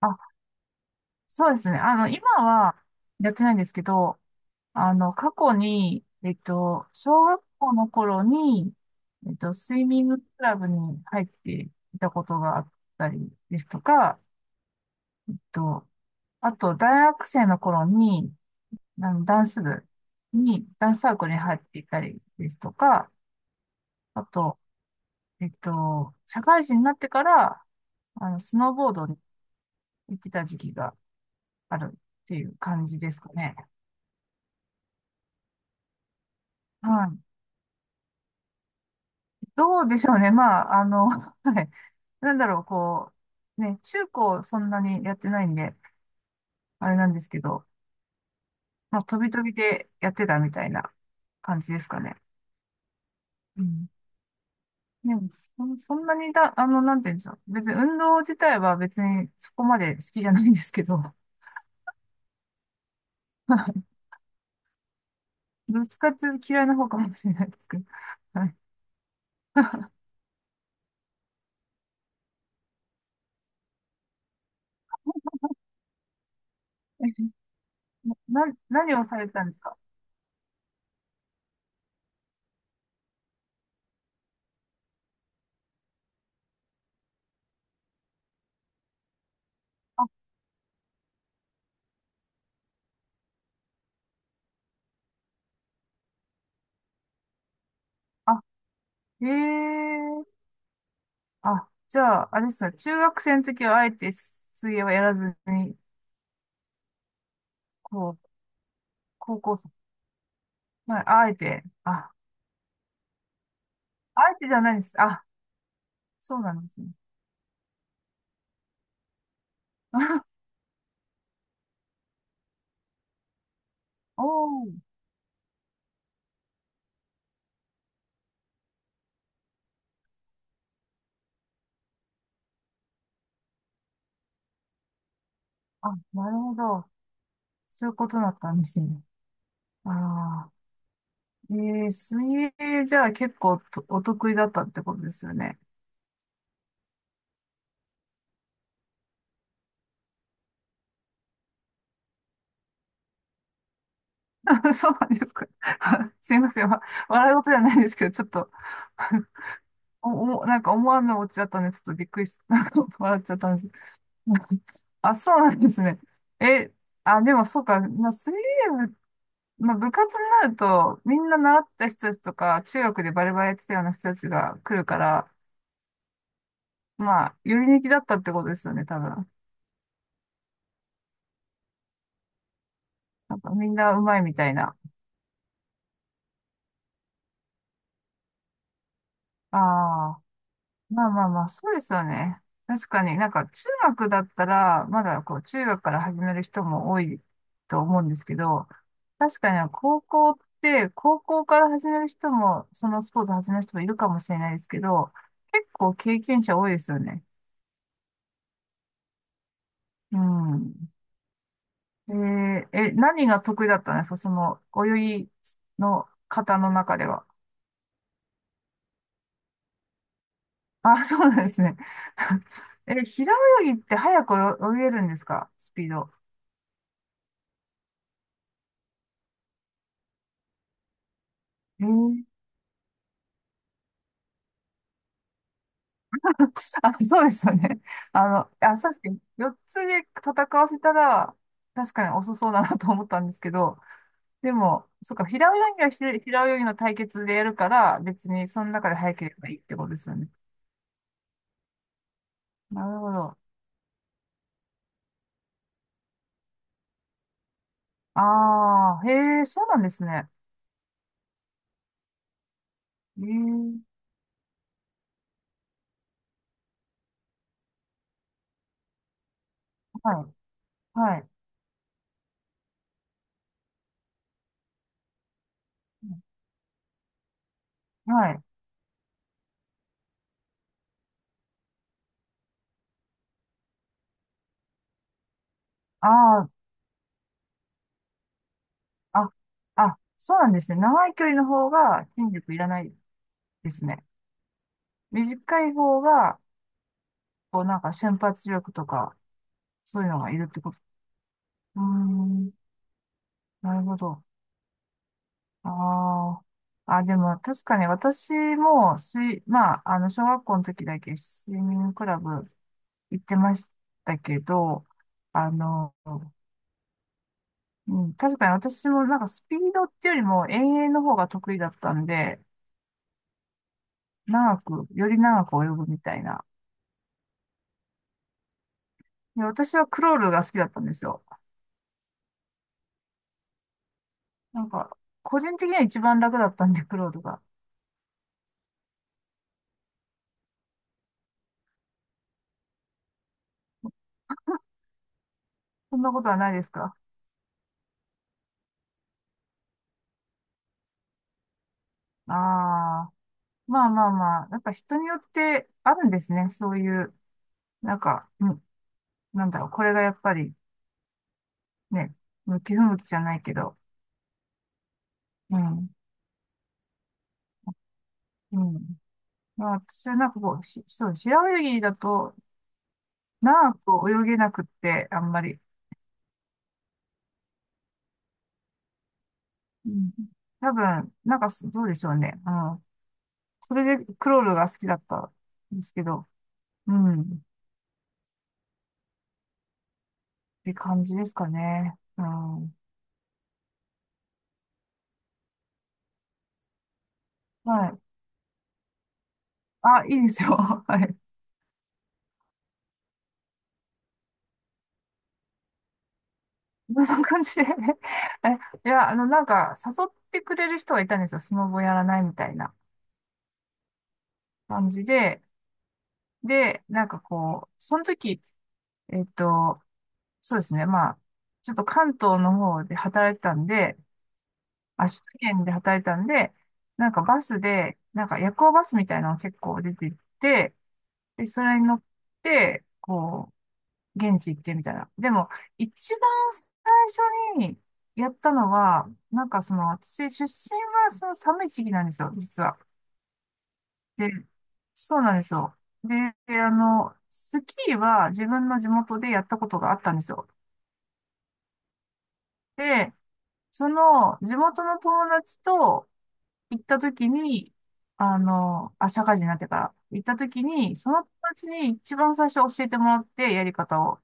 あ、そうですね。今はやってないんですけど、過去に、小学校の頃に、スイミングクラブに入っていたことがあったりですとか、えっと、あと、大学生の頃に、ダンス部に、ダンスサークルに入っていたりですとか、あと、社会人になってから、スノーボードに行ってた時期があるっていう感じですかね。はい。どうでしょうね。まあ、はい。なんだろう、こう、ね、中高そんなにやってないんで、あれなんですけど、まあ、飛び飛びでやってたみたいな感じですかね。うん。でも、そんなにだ、なんて言うんでしょう。別に運動自体は別にそこまで好きじゃないんですけど、どっちかっていうと嫌いな方かもしれないですけど。はい。何をされてたんですか？あ、あ、ええ、あ、じゃあ、あれですね、中学生の時はあえて水泳はやらずに、こう、高校生、まあ、あえて、あ、あえてじゃないです。あ、そうなんですね。あ、おー、あ、なるほど。そういうことだったんですね。ああ、えー、水泳じゃあ結構とお得意だったってことですよね。そうなんですか。すいません。笑い事じゃないですけど、ちょっと お、おもなんか思わぬオチだったんで、ちょっとびっくりし、なんか笑っちゃったんです。あ、そうなんですね。え、あ、でもそうか、まあ、水泳部、まあ、部活になると、みんな習ってた人たちとか、中学でバレバレやってたような人たちが来るから、まあ、より抜きだったってことですよね、多分。なんかみんな上手いみたいな。ああ。まあまあまあ、そうですよね。確かになんか中学だったら、まだこう中学から始める人も多いと思うんですけど、確かに高校って、高校から始める人も、そのスポーツ始める人もいるかもしれないですけど、結構経験者多いですよね。うん。えーえ、何が得意だったんですかその泳ぎの方の中では？あ、そうなんですね。え、平泳ぎって早く泳げるんですかスピード？えー あ、そうですよね。あの、あ、確かに、4つで戦わせたら、確かに遅そうだなと思ったんですけど、でも、そっか、平泳ぎの対決でやるから、別にその中で早ければいいってことですよね。なるほど。ああ、へえ、そうなんですね。ええ、はい、はい、はい。ああ、あ、あ、そうなんですね。長い距離の方が筋力いらないですね。短い方が、こう、なんか瞬発力とか、そういうのがいるってこと。うーん、なるほど。ああ。あ、でも確かに私も水、まあ、小学校の時だけスイミングクラブ行ってましたけど、あの、うん、確かに私もなんかスピードっていうよりも遠泳の方が得意だったんで、長く、より長く泳ぐみたいな。で、私はクロールが好きだったんですよ。なんか、個人的には一番楽だったんで、クロールが。そんなことはないですか？ああー。まあまあまあ、やっぱ人によってあるんですね。そういう、なんか、うん、なんだろう、これがやっぱりね、向き不向きじゃないけど、うん、うん。まあ私はなんかこう、そう、平泳ぎだと、長く泳げなくって、あんまり。うん、多分、なんかす、どうでしょうね。うん。それでクロールが好きだったんですけど、うん、って感じですかね。うん。はい。あ、いいですよ。はい。そんな感じで え、いや、なんか、誘ってくれる人がいたんですよ。スノボやらないみたいな感じで。で、なんかこう、その時、えっと、そうですね。まあ、ちょっと関東の方で働いてたんで、あ、首都圏で働いてたんで、なんかバスで、なんか夜行バスみたいなのが結構出てって、で、それに乗って、こう、現地行ってみたいな。でも、一番最初にやったのは、なんかその、私出身はその寒い時期なんですよ、実は。で、そうなんですよ。で、スキーは自分の地元でやったことがあったんですよ。で、その、地元の友達と行った時に、社会人になってから行った時に、その友達に一番最初教えてもらって、やり方を。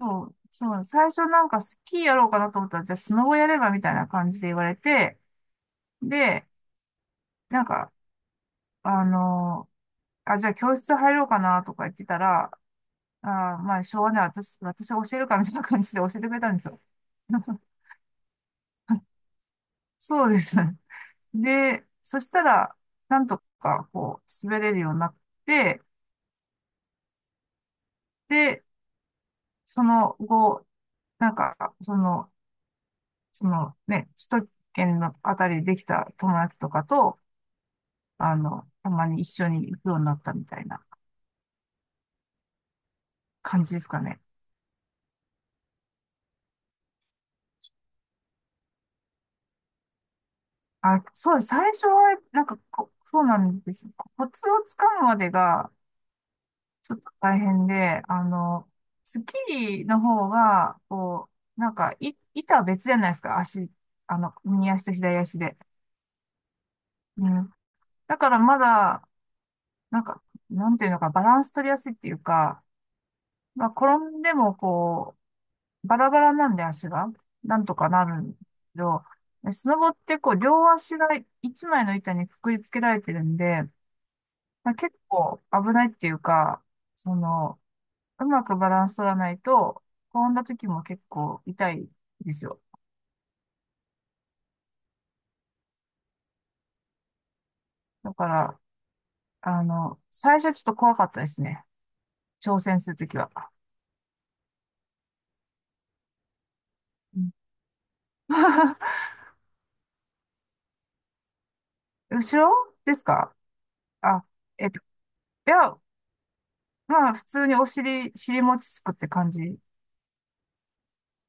そう、そう、最初なんかスキーやろうかなと思ったら、じゃあスノボやればみたいな感じで言われて、で、なんか、あのあ、じゃあ教室入ろうかなとか言ってたら、あー、まあ、しょうがない、私が教えるかみたいな感じで教えてくれたんですよ。そうです。で、そしたら、なんとか、こう、滑れるようになって、で、その後、なんか、その、そのね、首都圏のあたりでできた友達とかと、たまに一緒に行くようになったみたいな感じですかね。あ、そうです。最初は、なんかこ、そうなんですよ。コツをつかむまでが、ちょっと大変で、スッキリの方が、こう、なんか、板は別じゃないですか。足、右足と左足で。うん。だからまだ、なんか、なんていうのか、バランス取りやすいっていうか、まあ、転んでも、バラバラなんで足が、なんとかなるんだけど、でスノボってこう、両足が一枚の板にくくりつけられてるんで、まあ、結構危ないっていうか、その、うまくバランス取らないと、転んだ時も結構痛いですよ。だから、最初はちょっと怖かったですね。挑戦するときは。うん 後ろですか？あ、えっと、いや、まあ、普通にお尻、尻餅つくって感じ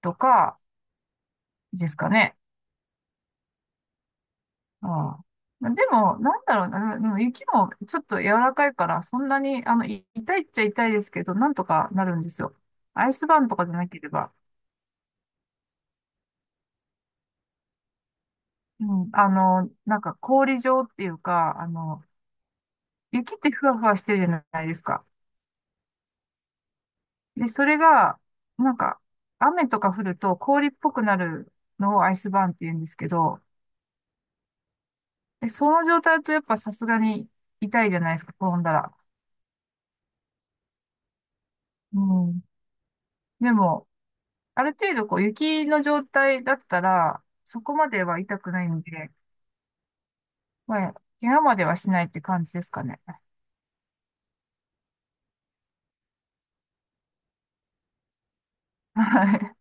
とかですかね。ああ。までも、なんだろうな、でも雪もちょっと柔らかいから、そんなに、痛いっちゃ痛いですけど、なんとかなるんですよ。アイスバーンとかじゃなければ。うん、なんか氷状っていうか、雪ってふわふわしてるじゃないですか。で、それが、なんか、雨とか降ると氷っぽくなるのをアイスバーンって言うんですけど、でその状態だとやっぱさすがに痛いじゃないですか、転んだら。うん。でも、ある程度こう雪の状態だったら、そこまでは痛くないんで、まあ、怪我まではしないって感じですかね。はい。